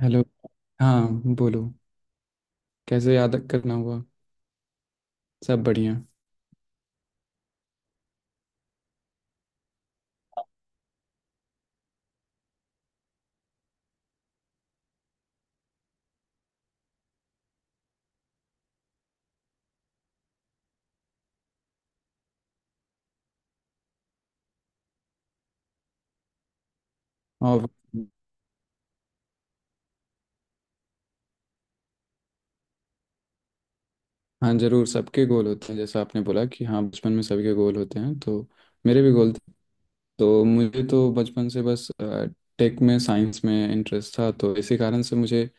Hello. हाँ, बोलो। कैसे याद करना हुआ? सब बढ़िया। और हाँ, जरूर सबके गोल होते हैं। जैसा आपने बोला कि हाँ बचपन में सभी के गोल होते हैं, तो मेरे भी गोल थे। तो मुझे तो बचपन से बस टेक में, साइंस में इंटरेस्ट था, तो इसी कारण से मुझे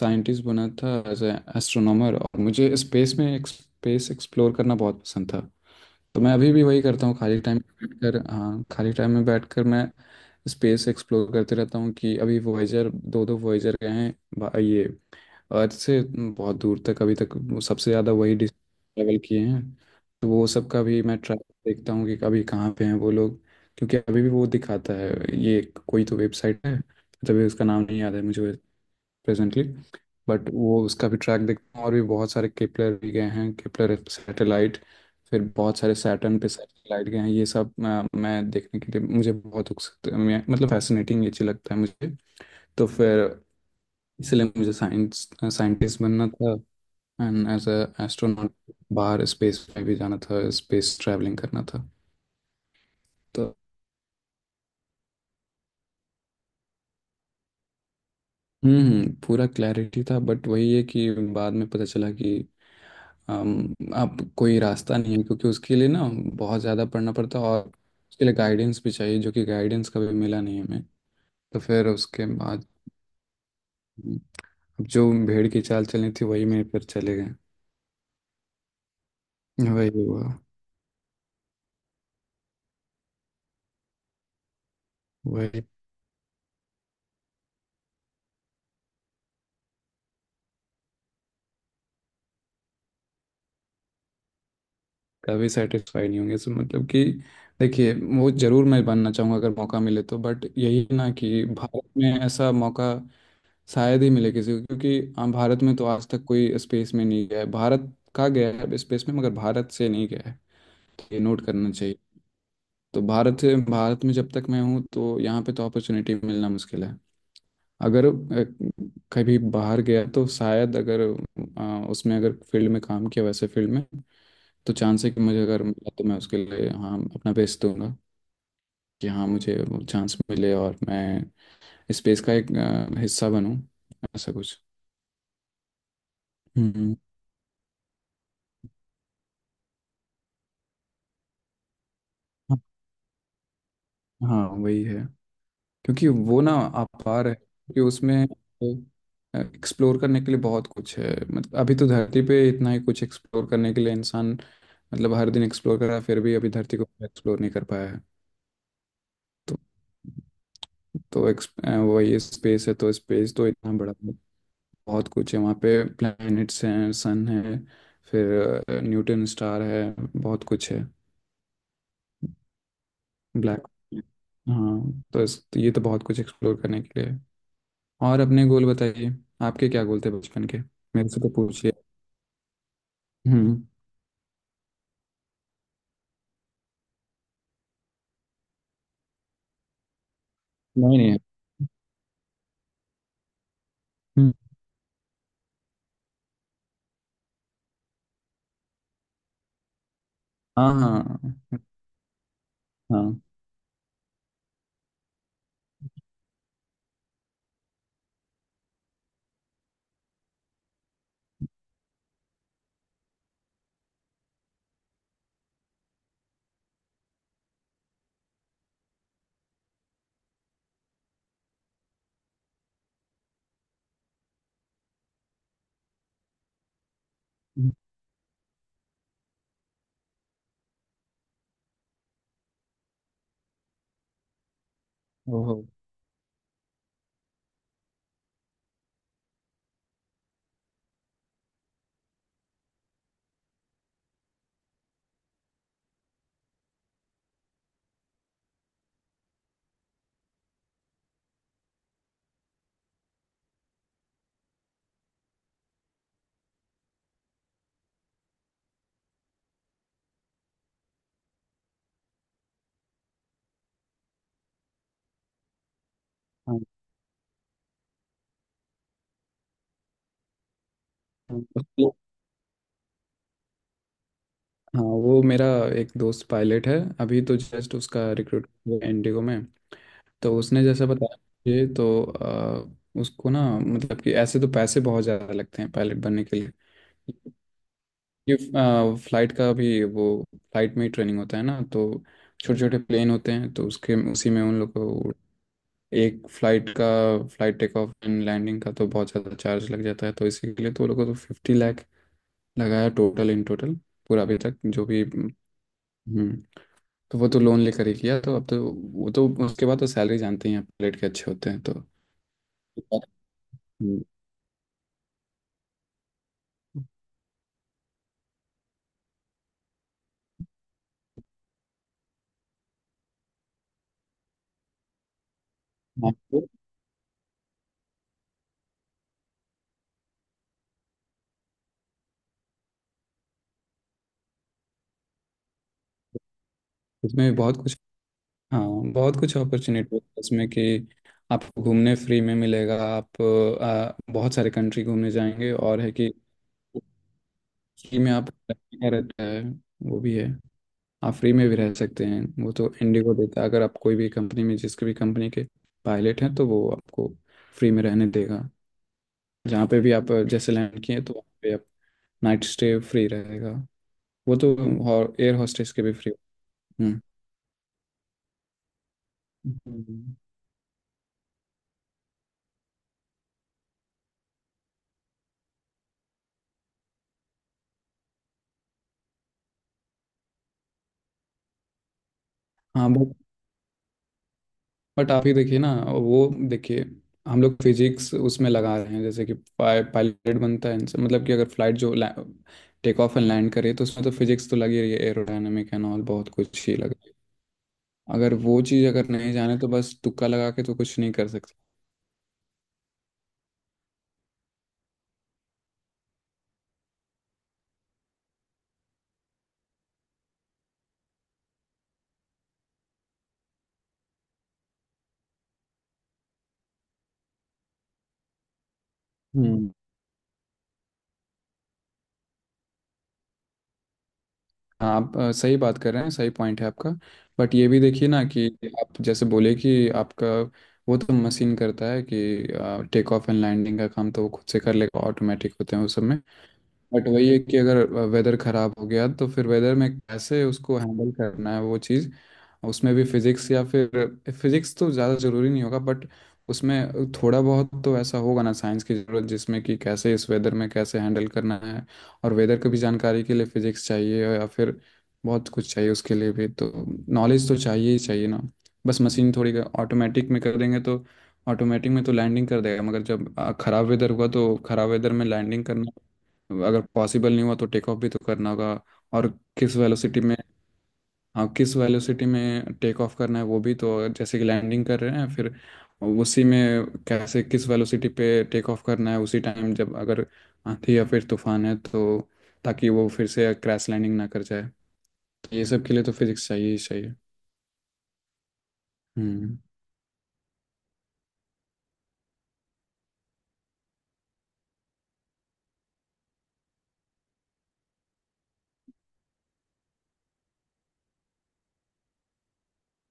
साइंटिस्ट बना था एज ए एस्ट्रोनॉमर। और मुझे स्पेस में, स्पेस एक्सप्लोर करना बहुत पसंद था। तो मैं अभी भी वही करता हूँ खाली टाइम में बैठकर। हाँ, खाली टाइम में बैठकर मैं स्पेस एक्सप्लोर करते रहता हूँ कि अभी वॉयेजर दो दो वॉयेजर गए हैं, ये अर्थ से बहुत दूर तक अभी तक वो सबसे ज़्यादा वही ट्रैवल किए हैं। तो वो सब का भी मैं ट्रैक देखता हूँ कि अभी कहाँ पे हैं वो लोग, क्योंकि अभी भी वो दिखाता है ये। कोई तो वेबसाइट है, तभी उसका नाम नहीं याद है मुझे प्रेजेंटली। बट वो उसका भी ट्रैक देखता हूँ। और भी बहुत सारे केपलर भी गए हैं, केपलर सैटेलाइट। फिर बहुत सारे सैटर्न पे सैटेलाइट गए हैं। ये सब मैं देखने के लिए मुझे बहुत उत्सुक, मतलब फैसिनेटिंग ये चीज़ लगता है मुझे। तो फिर इसलिए मुझे साइंस साइंटिस्ट बनना था एंड एज अ एस्ट्रोनॉट। बाहर स्पेस में भी जाना था, स्पेस ट्रैवलिंग करना था। तो हम्म, पूरा क्लैरिटी था बट वही है कि बाद में पता चला कि अब कोई रास्ता नहीं है, क्योंकि उसके लिए ना बहुत ज़्यादा पढ़ना पड़ता है और उसके लिए गाइडेंस भी चाहिए, जो कि गाइडेंस कभी मिला नहीं हमें। तो फिर उसके बाद अब जो भेड़ की चाल चलनी थी वही में फिर चले गए। वही हुआ। वही कभी सेटिस्फाई नहीं होंगे, सो मतलब कि देखिए, वो जरूर मैं बनना चाहूँगा अगर मौका मिले तो, बट यही ना कि भारत में ऐसा मौका शायद ही मिले किसी को, क्योंकि भारत में तो आज तक कोई स्पेस में नहीं गया है। भारत का गया है स्पेस में मगर भारत से नहीं गया है, ये नोट करना चाहिए। तो भारत भारत में जब तक मैं हूँ तो यहाँ पे तो अपॉर्चुनिटी मिलना मुश्किल है। अगर कभी बाहर गया तो शायद, अगर उसमें अगर फील्ड में काम किया, वैसे फील्ड में, तो चांस है कि मुझे अगर मिला तो मैं उसके लिए हाँ अपना बेस्ट दूंगा, कि हाँ मुझे वो चांस मिले और मैं स्पेस का एक हिस्सा बनूं, ऐसा कुछ। हम्म। हाँ। हाँ, वही है। क्योंकि वो ना अपार है, क्योंकि उसमें एक्सप्लोर करने के लिए बहुत कुछ है। मतलब अभी तो धरती पे इतना ही कुछ एक्सप्लोर करने के लिए इंसान, मतलब हर दिन एक्सप्लोर कर रहा है, फिर भी अभी धरती को एक्सप्लोर नहीं कर पाया है। तो तो एक्स वही स्पेस है, तो स्पेस तो इतना बड़ा है, बहुत कुछ है वहाँ पे। प्लैनेट्स हैं, सन है, फिर न्यूटन स्टार है, बहुत कुछ है। ब्लैक हाँ, तो ये तो बहुत कुछ एक्सप्लोर करने के लिए है। और अपने गोल बताइए, आपके क्या गोल थे बचपन के? मेरे से तो पूछ लिया। हम्म। नहीं, नहीं। हम्म। हाँ, हाँ, हाँ। ओहो। हाँ। हाँ उसके- हाँ, वो मेरा एक दोस्त पायलट है। अभी तो जस्ट उसका रिक्रूट इंडिगो में। तो उसने जैसा बताया मुझे तो, उसको ना, मतलब कि ऐसे तो पैसे बहुत ज़्यादा लगते हैं पायलट बनने के लिए। ये फ्लाइट का भी, वो फ्लाइट में ही ट्रेनिंग होता है ना, तो छोटे छोटे प्लेन होते हैं, तो उसके उसी में उन लोग को एक फ्लाइट का, flight take off and landing का तो बहुत ज़्यादा चार्ज लग जाता है, तो इसी के लिए तो वो लोगों को तो 50 लाख लगाया, टोटल, इन टोटल पूरा अभी तक जो भी। हम्म। तो वो तो लोन लेकर ही किया, तो अब तो वो तो उसके बाद तो सैलरी जानते ही हैं, पायलट के अच्छे होते हैं तो। हम्म, आपको इसमें बहुत कुछ। हाँ, बहुत कुछ अपॉर्चुनिटी है इसमें कि आपको घूमने फ्री में मिलेगा। आप बहुत सारे कंट्री घूमने जाएंगे और है कि फ्री में आप, रहता है, वो भी है। आप फ्री में भी रह सकते हैं, वो तो इंडिगो देता है। अगर आप कोई भी कंपनी में, जिसकी भी कंपनी के पायलट हैं, तो वो आपको फ्री में रहने देगा। जहाँ पे भी आप जैसे लैंड किए तो वहाँ पे आप नाइट स्टे फ्री रहेगा। वो तो एयर हॉस्टेस के भी फ्री। हम्म। हम्म। हाँ, बट आप ही देखिए ना, वो देखिए हम लोग फिजिक्स उसमें लगा रहे हैं। जैसे कि पायलट बनता है इनसे, मतलब कि अगर फ्लाइट जो टेक ऑफ एंड लैंड करे तो उसमें तो फिजिक्स तो लगी रही है, एरोडायनेमिक एंड ऑल बहुत कुछ ही लगा। अगर वो चीज़ अगर नहीं जाने तो बस तुक्का लगा के तो कुछ नहीं कर सकते। हम्म। आप सही बात कर रहे हैं, सही पॉइंट है आपका। बट ये भी देखिए ना, कि आप जैसे बोले कि आपका वो तो मशीन करता है, कि टेक ऑफ एंड लैंडिंग का काम तो वो खुद से कर लेगा, ऑटोमेटिक होते हैं उस सब में। बट वही है कि अगर वेदर खराब हो गया तो फिर वेदर में कैसे उसको हैंडल करना है वो चीज़, उसमें भी फिजिक्स या फिर फिजिक्स तो ज़्यादा ज़रूरी नहीं होगा बट उसमें थोड़ा बहुत तो ऐसा होगा ना साइंस की ज़रूरत, जिसमें कि कैसे इस वेदर में कैसे हैंडल करना है। और वेदर की भी जानकारी के लिए फिजिक्स चाहिए या फिर बहुत कुछ चाहिए उसके लिए भी, तो नॉलेज तो चाहिए ही चाहिए ना। बस मशीन थोड़ी ऑटोमेटिक में कर देंगे, तो ऑटोमेटिक में तो लैंडिंग कर देगा मगर जब खराब वेदर हुआ तो खराब वेदर में लैंडिंग करना अगर पॉसिबल नहीं हुआ तो टेक ऑफ भी तो करना होगा। और किस वेलोसिटी में हाँ, किस वेलोसिटी में टेक ऑफ करना है वो भी, तो जैसे कि लैंडिंग कर रहे हैं फिर उसी में कैसे, किस वेलोसिटी पे टेक ऑफ करना है उसी टाइम, जब अगर आंधी या फिर तूफान है तो, ताकि वो फिर से क्रैश लैंडिंग ना कर जाए। तो ये सब के लिए तो फिजिक्स चाहिए ही चाहिए। हम्म।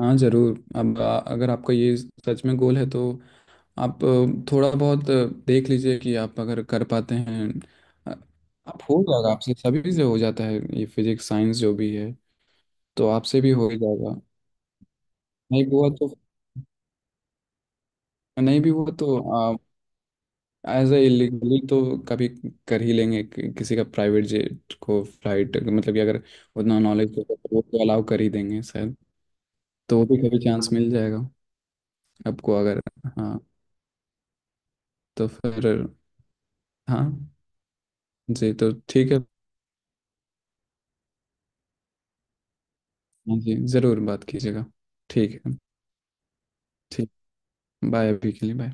हाँ, ज़रूर। अब अगर आपका ये सच में गोल है तो आप थोड़ा बहुत देख लीजिए कि आप अगर कर पाते हैं। अ, आप, हो जाएगा आपसे, सभी से हो जाता है ये फिजिक्स साइंस जो भी है, तो आपसे भी हो ही जाएगा। नहीं हुआ तो नहीं भी हुआ तो एज ए इलीगली तो कभी कर ही लेंगे कि, किसी का प्राइवेट जेट को फ्लाइट, मतलब कि अगर उतना नॉलेज होगा तो वो तो अलाउ कर ही देंगे शायद। तो वो भी कभी चांस मिल जाएगा आपको अगर। हाँ। तो फिर हाँ जी, तो ठीक है। हाँ जी, ज़रूर बात कीजिएगा। ठीक है। ठीक। बाय, अभी के लिए बाय।